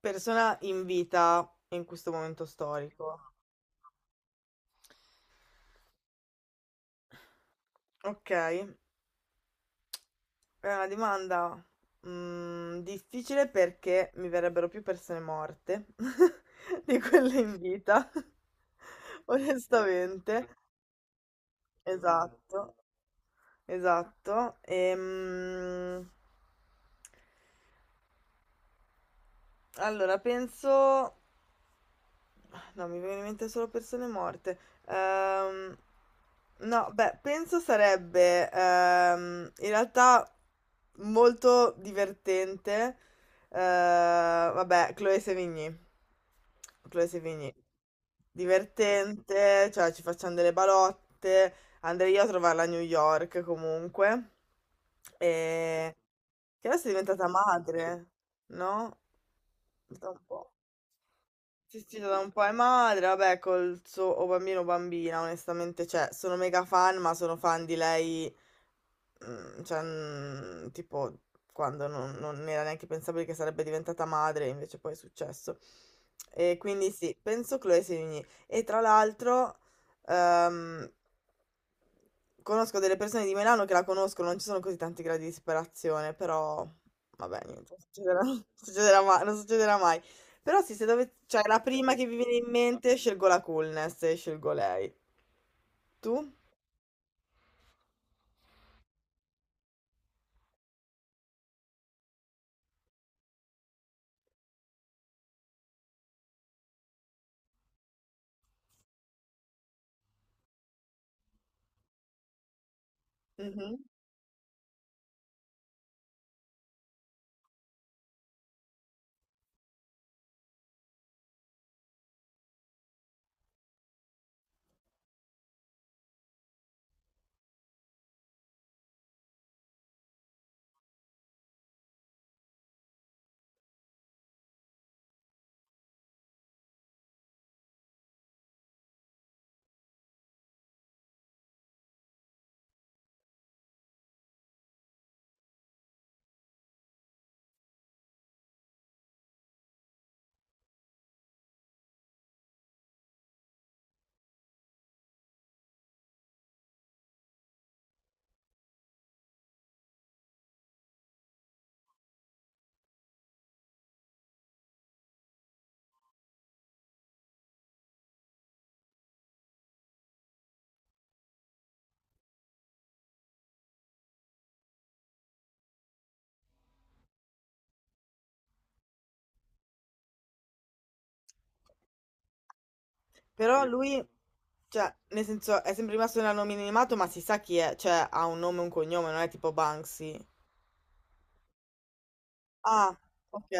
Persona in vita in questo momento storico. Ok, è una domanda difficile perché mi verrebbero più persone morte di quelle in vita, onestamente. Esatto, esatto. Allora, penso No, mi viene in mente solo persone morte. Ehm, no, beh, penso sarebbe in realtà molto divertente. Eh, Vabbè, Chloe Sevigny. Chloe Sevigny. Divertente, cioè ci facciamo delle balotte, andrei io a trovarla a New York comunque. E... che adesso è diventata madre, no? Da un po'. Sì, sì, da un po' è madre, vabbè, col suo o bambino o bambina, onestamente, cioè, sono mega fan, ma sono fan di lei, tipo, quando non era neanche pensabile che sarebbe diventata madre, invece poi è successo. E quindi sì, penso Chloe Sevigny. E tra l'altro, Ehm, conosco delle persone di Milano che la conoscono, non ci sono così tanti gradi di disperazione, però vabbè, niente, non succederà, non succederà mai, non succederà mai. Però sì, se dove, cioè la prima che vi viene in mente, scelgo la coolness e scelgo lei. Tu? Mhm. Però lui, cioè, nel senso, è sempre rimasto nella nomina animato, ma si sa chi è, cioè, ha un nome e un cognome, non è tipo Banksy. Ah, ok.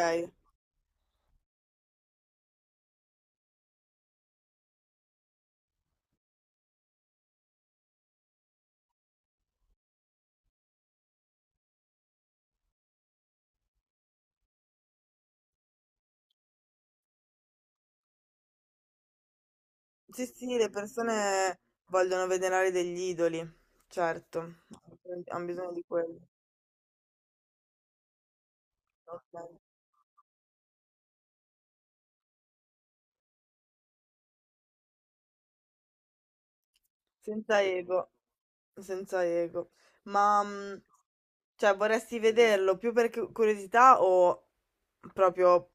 Sì, sì, le persone vogliono venerare degli idoli, certo, hanno bisogno di quello, ok. Senza ego, senza ego. Ma, cioè, vorresti vederlo più per curiosità o proprio,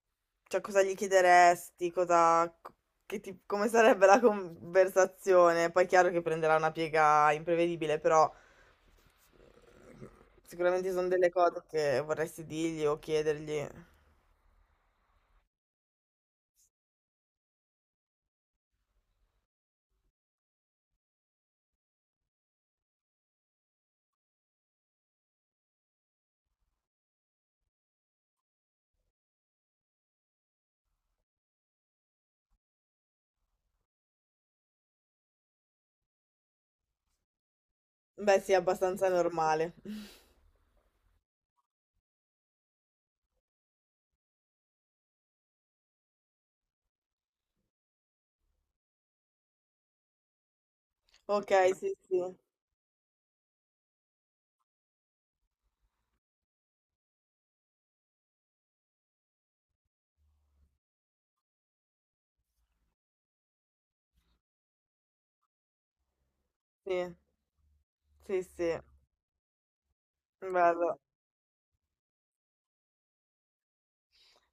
cioè, cosa gli chiederesti, cosa, come sarebbe la conversazione? Poi è chiaro che prenderà una piega imprevedibile, però mm, sicuramente ci sono delle cose che vorresti dirgli o chiedergli. Beh, sì, è abbastanza normale. Ok. Mhm. Sì, sì, sì, sì, sì, bello.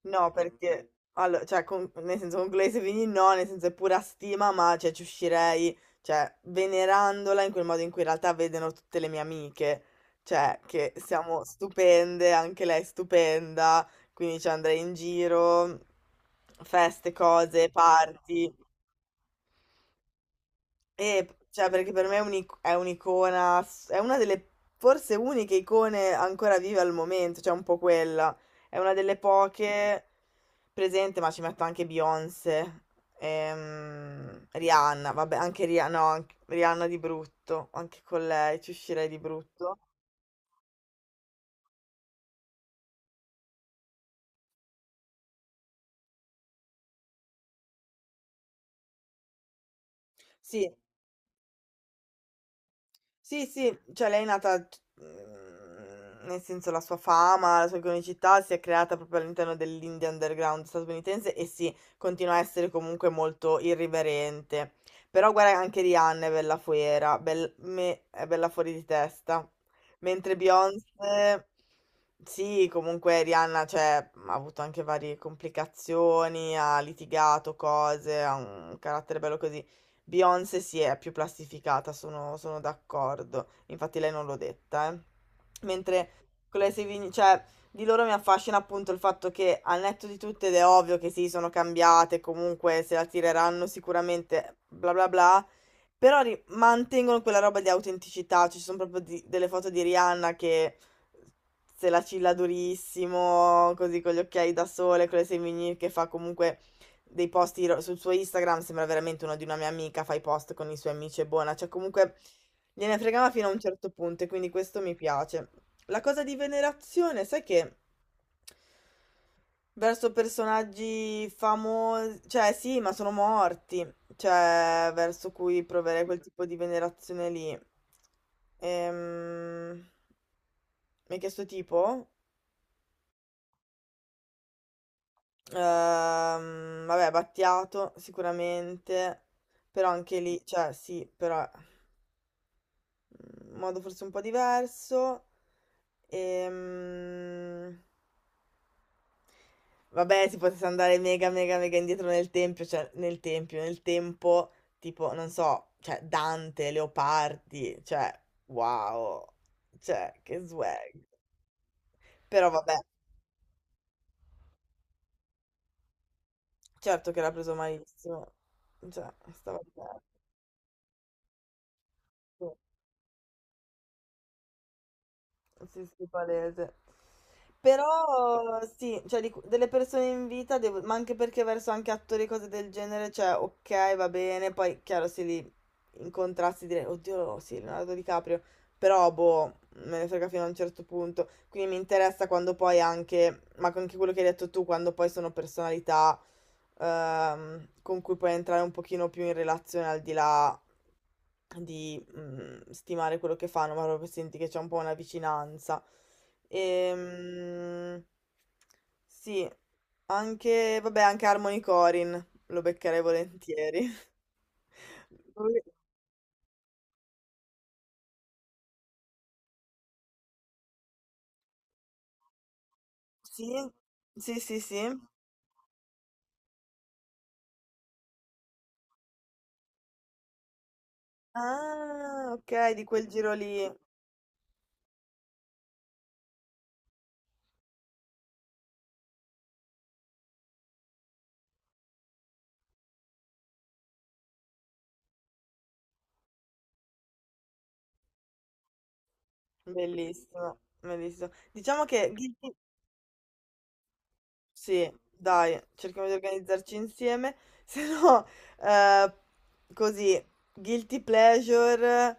No, perché, allora, cioè, nel senso, con Glace Vini no, nel senso è pura stima, ma, cioè, ci uscirei, cioè, venerandola in quel modo in cui in realtà vedono tutte le mie amiche, cioè, che siamo stupende, anche lei è stupenda, quindi, cioè, andrei in giro, feste, cose, party. Cioè, perché per me è è un'icona, è una delle forse uniche icone ancora vive al momento, cioè un po' quella. È una delle poche presente, ma ci metto anche Beyoncé, Rihanna, vabbè, anche Rihanna, no, anche- Rihanna di brutto, anche con lei ci uscirei di brutto. Sì, sì, sì, cioè lei è nata, nel senso la sua fama, la sua iconicità si è creata proprio all'interno dell'indie underground statunitense e sì, continua a essere comunque molto irriverente. Però guarda anche Rihanna è bella fuera, è bella fuori di testa. Mentre Beyoncé, sì, comunque Rihanna cioè, ha avuto anche varie complicazioni, ha litigato cose, ha un carattere bello così. Beyoncé si è più plastificata, sono d'accordo. Infatti lei non l'ho detta, eh. Mentre con le Savini, cioè, di loro mi affascina appunto il fatto che al netto di tutto, ed è ovvio che sì, sono cambiate, comunque se la tireranno sicuramente, bla bla bla, però mantengono quella roba di autenticità, ci sono proprio delle foto di Rihanna che se la cilla durissimo, così con gli occhiali da sole, con le semini che fa comunque dei sul suo Instagram, sembra veramente uno di una mia amica, fa i post con i suoi amici, è buona, cioè comunque gliene fregava fino a un certo punto e quindi questo mi piace. La cosa di venerazione, sai che verso personaggi famosi, cioè sì, ma sono morti cioè verso cui proverei quel tipo di venerazione lì. Ehm, mi hai chiesto tipo? Vabbè, Battiato sicuramente, però anche lì, cioè sì, però in modo forse un po' diverso. Ehm, Vabbè, si potesse andare mega, mega, mega indietro nel tempio, cioè nel tempio, nel tempo, tipo, non so, cioè Dante, Leopardi, cioè, wow, cioè, che swag. Però vabbè, certo che l'ha preso malissimo, cioè, stava di merda. Sì, sì, palese. Però sì, cioè di delle persone in vita, ma anche perché verso anche attori e cose del genere, cioè ok, va bene, poi chiaro se li incontrassi direi, oddio, sì, Leonardo DiCaprio, però boh, me ne frega fino a un certo punto, quindi mi interessa quando poi anche, ma anche quello che hai detto tu, quando poi sono personalità con cui puoi entrare un pochino più in relazione al di là di stimare quello che fanno, ma proprio senti che c'è un po' una vicinanza. Ehm, sì, anche, vabbè, anche Harmony Corin lo beccherei volentieri. Sì, sì, sì, sì. Ah, ok, di quel giro lì. Bellissimo, bellissimo. Diciamo che Guilty, sì, dai, cerchiamo di organizzarci insieme, se no, eh, così, guilty pleasure,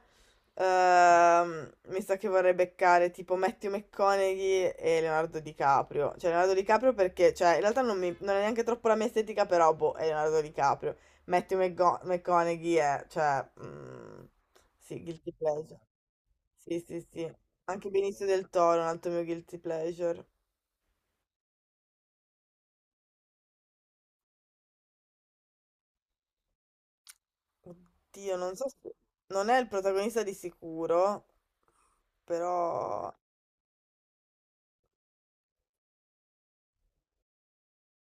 mi sa che vorrei beccare tipo Matthew McConaughey e Leonardo DiCaprio, cioè Leonardo DiCaprio perché, cioè, in realtà non, non è neanche troppo la mia estetica, però, boh, è Leonardo DiCaprio, McConaughey è, cioè, sì, guilty pleasure, sì, sì, sì, anche Benicio del Toro, è un altro mio guilty pleasure. Oddio, non so se... Non è il protagonista di sicuro, però...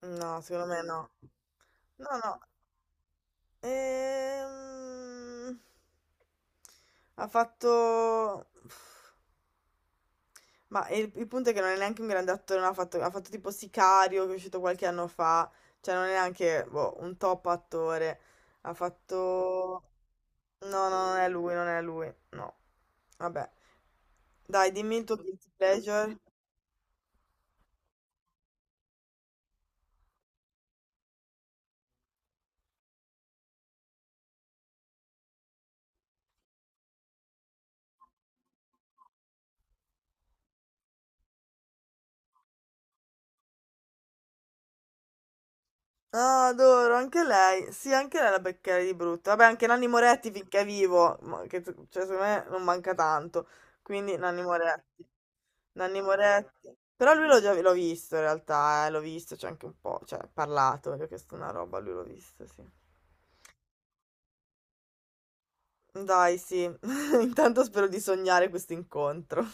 No, secondo me no. No, no. Ehm... Ha fatto... Ma il punto è che non è neanche un grande attore, non ha fatto, ha fatto tipo Sicario, che è uscito qualche anno fa, cioè non è neanche boh, un top attore. Ha fatto... No, no, non è lui, non è lui, no. Vabbè. Dai, dimmi il tuo guilty pleasure. Ah, adoro, anche lei. Sì, anche lei la beccherai di brutto. Vabbè, anche Nanni Moretti finché è vivo, ma che, cioè, secondo me non manca tanto. Quindi Nanni Moretti. Nanni Moretti. Però lui l'ho visto in realtà, l'ho visto, c'è anche un po', cioè, parlato, gli ho chiesto una roba, lui l'ho visto, sì. Dai, sì. Intanto spero di sognare questo incontro.